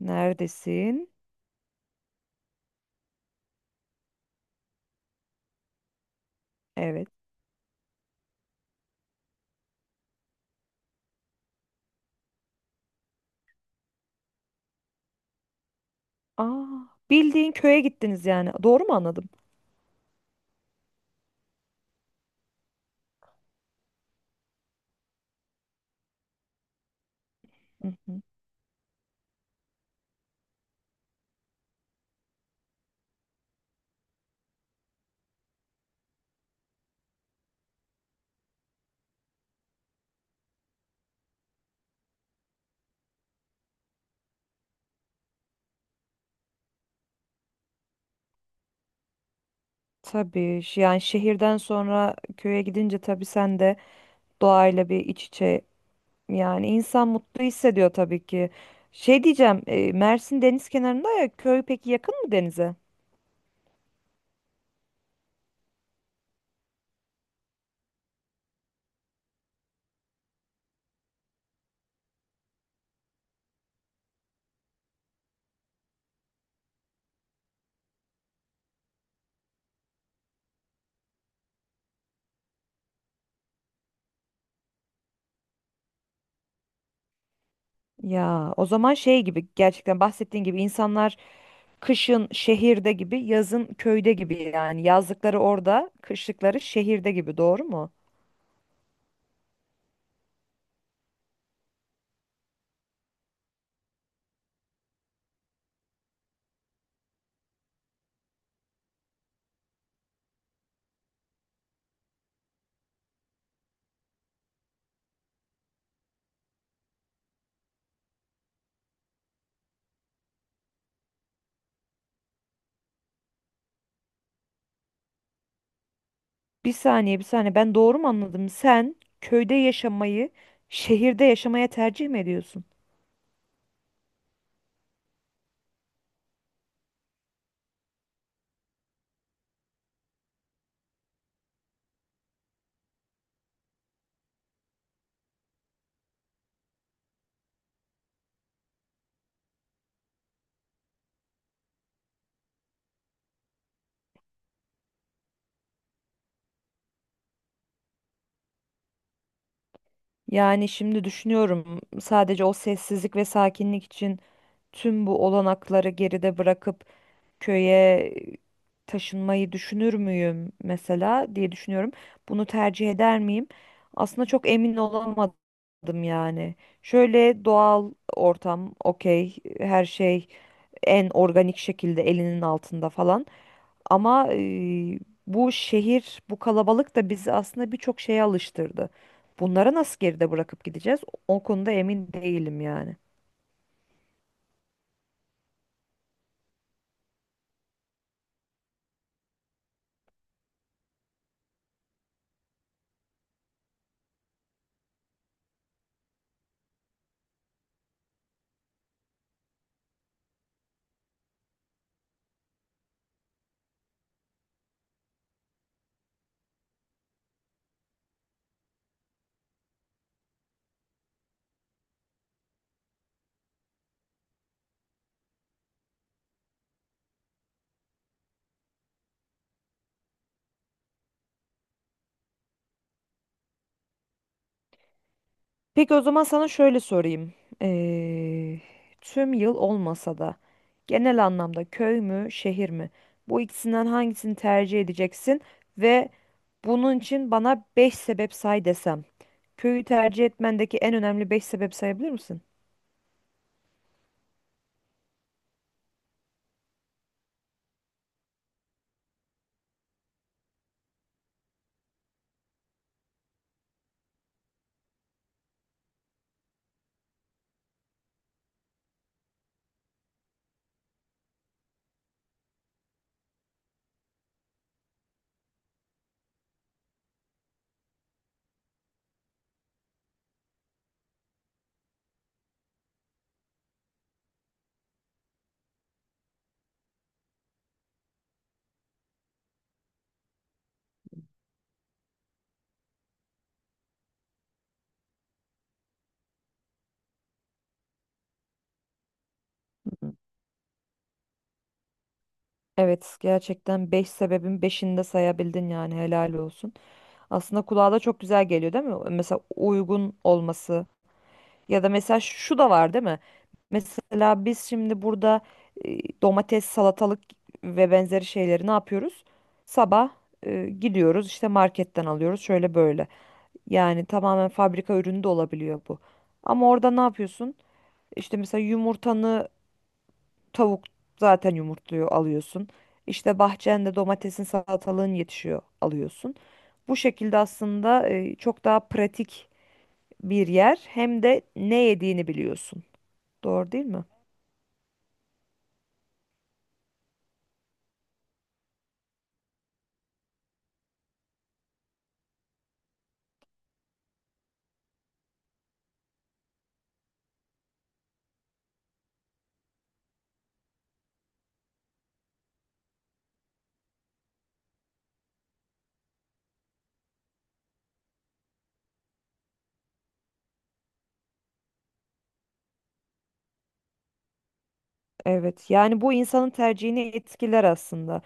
Neredesin? Evet. Aa, bildiğin köye gittiniz yani. Doğru mu anladım? Hı hı. Tabii yani şehirden sonra köye gidince tabii sen de doğayla bir iç içe yani insan mutlu hissediyor tabii ki. Şey diyeceğim, Mersin deniz kenarında ya köy peki yakın mı denize? Ya o zaman şey gibi gerçekten bahsettiğin gibi insanlar kışın şehirde gibi, yazın köyde gibi yani yazlıkları orada, kışlıkları şehirde gibi doğru mu? Bir saniye, bir saniye. Ben doğru mu anladım? Sen köyde yaşamayı şehirde yaşamaya tercih mi ediyorsun? Yani şimdi düşünüyorum sadece o sessizlik ve sakinlik için tüm bu olanakları geride bırakıp köye taşınmayı düşünür müyüm mesela diye düşünüyorum. Bunu tercih eder miyim? Aslında çok emin olamadım yani. Şöyle doğal ortam, okey, her şey en organik şekilde elinin altında falan. Ama bu şehir, bu kalabalık da bizi aslında birçok şeye alıştırdı. Bunları nasıl geride bırakıp gideceğiz? O konuda emin değilim yani. Peki o zaman sana şöyle sorayım. Eee, Tüm yıl olmasa da genel anlamda köy mü, şehir mi? Bu ikisinden hangisini tercih edeceksin ve bunun için bana 5 sebep say desem. Köyü tercih etmendeki en önemli 5 sebep sayabilir misin? Evet, gerçekten 5 sebebin 5'ini de sayabildin yani helal olsun. Aslında kulağa da çok güzel geliyor değil mi? Mesela uygun olması ya da mesela şu da var değil mi? Mesela biz şimdi burada domates, salatalık ve benzeri şeyleri ne yapıyoruz? Sabah gidiyoruz işte marketten alıyoruz şöyle böyle. Yani tamamen fabrika ürünü de olabiliyor bu. Ama orada ne yapıyorsun? İşte mesela yumurtanı, tavuk zaten yumurtluyor alıyorsun. İşte bahçende domatesin salatalığın yetişiyor alıyorsun. Bu şekilde aslında çok daha pratik bir yer, hem de ne yediğini biliyorsun. Doğru değil mi? Evet, yani bu insanın tercihini etkiler aslında.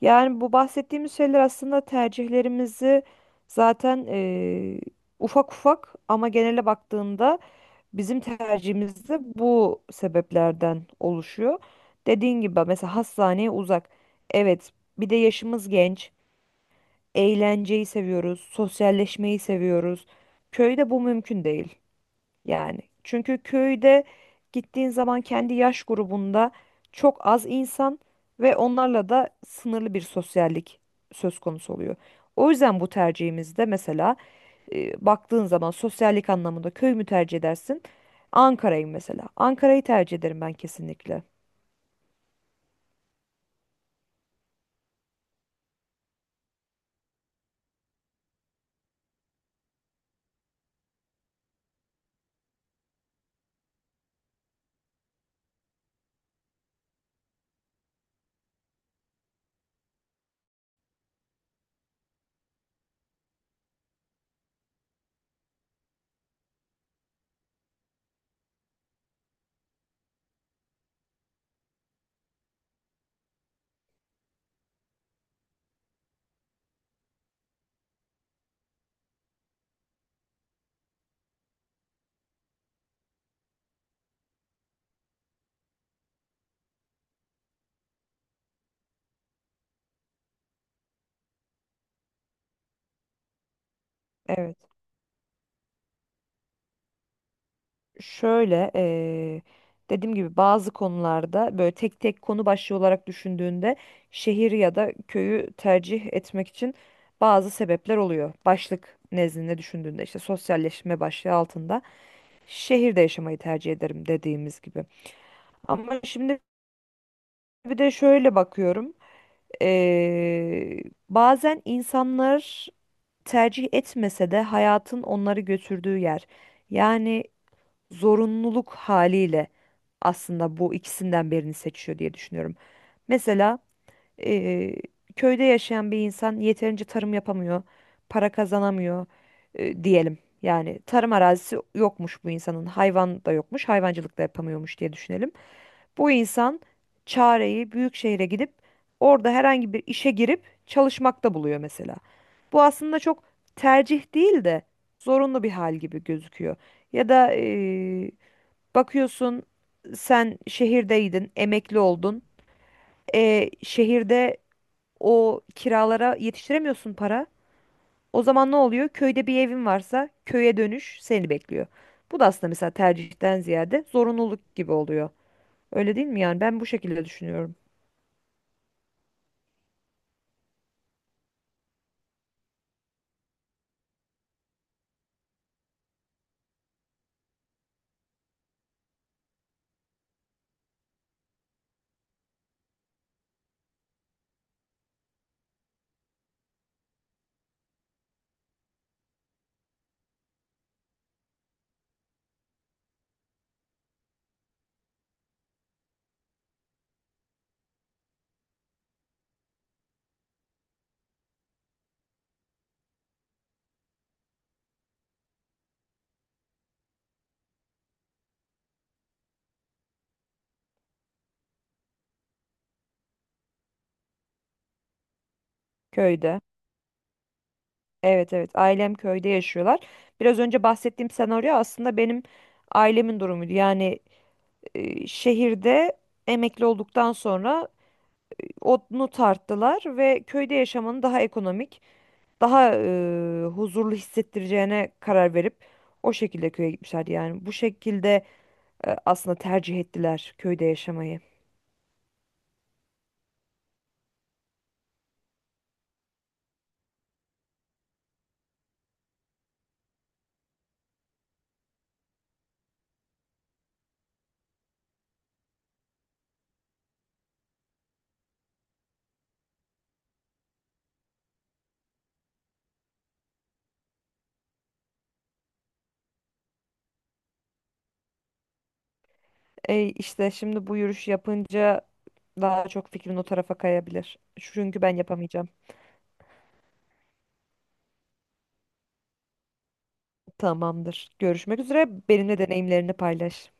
Yani bu bahsettiğimiz şeyler aslında tercihlerimizi zaten ufak ufak, ama genele baktığında bizim tercihimiz de bu sebeplerden oluşuyor. Dediğin gibi mesela hastaneye uzak. Evet, bir de yaşımız genç. Eğlenceyi seviyoruz, sosyalleşmeyi seviyoruz. Köyde bu mümkün değil yani. Çünkü köyde gittiğin zaman kendi yaş grubunda çok az insan ve onlarla da sınırlı bir sosyallik söz konusu oluyor. O yüzden bu tercihimizde mesela baktığın zaman sosyallik anlamında köy mü tercih edersin? Ankara'yı mesela. Ankara'yı tercih ederim ben kesinlikle. Evet. Şöyle dediğim gibi bazı konularda böyle tek tek konu başlığı olarak düşündüğünde şehir ya da köyü tercih etmek için bazı sebepler oluyor. Başlık nezdinde düşündüğünde işte sosyalleşme başlığı altında şehirde yaşamayı tercih ederim dediğimiz gibi. Ama şimdi bir de şöyle bakıyorum. Ee, Bazen insanlar tercih etmese de hayatın onları götürdüğü yer. Yani zorunluluk haliyle aslında bu ikisinden birini seçiyor diye düşünüyorum. Mesela Eee, köyde yaşayan bir insan yeterince tarım yapamıyor, para kazanamıyor diyelim. Yani tarım arazisi yokmuş bu insanın, hayvan da yokmuş, hayvancılık da yapamıyormuş diye düşünelim. Bu insan çareyi büyük şehre gidip orada herhangi bir işe girip çalışmakta buluyor mesela. Bu aslında çok tercih değil de zorunlu bir hal gibi gözüküyor. Ya da bakıyorsun sen şehirdeydin, emekli oldun. Şehirde o kiralara yetiştiremiyorsun para. O zaman ne oluyor? Köyde bir evin varsa köye dönüş seni bekliyor. Bu da aslında mesela tercihten ziyade zorunluluk gibi oluyor. Öyle değil mi yani? Ben bu şekilde düşünüyorum. Köyde. Evet, evet, ailem köyde yaşıyorlar. Biraz önce bahsettiğim senaryo aslında benim ailemin durumuydu. Yani şehirde emekli olduktan sonra onu tarttılar ve köyde yaşamanın daha ekonomik, daha huzurlu hissettireceğine karar verip o şekilde köye gitmişler. Yani bu şekilde aslında tercih ettiler köyde yaşamayı. İşte şimdi bu yürüyüş yapınca daha çok fikrin o tarafa kayabilir. Çünkü ben yapamayacağım. Tamamdır. Görüşmek üzere. Benimle deneyimlerini paylaş.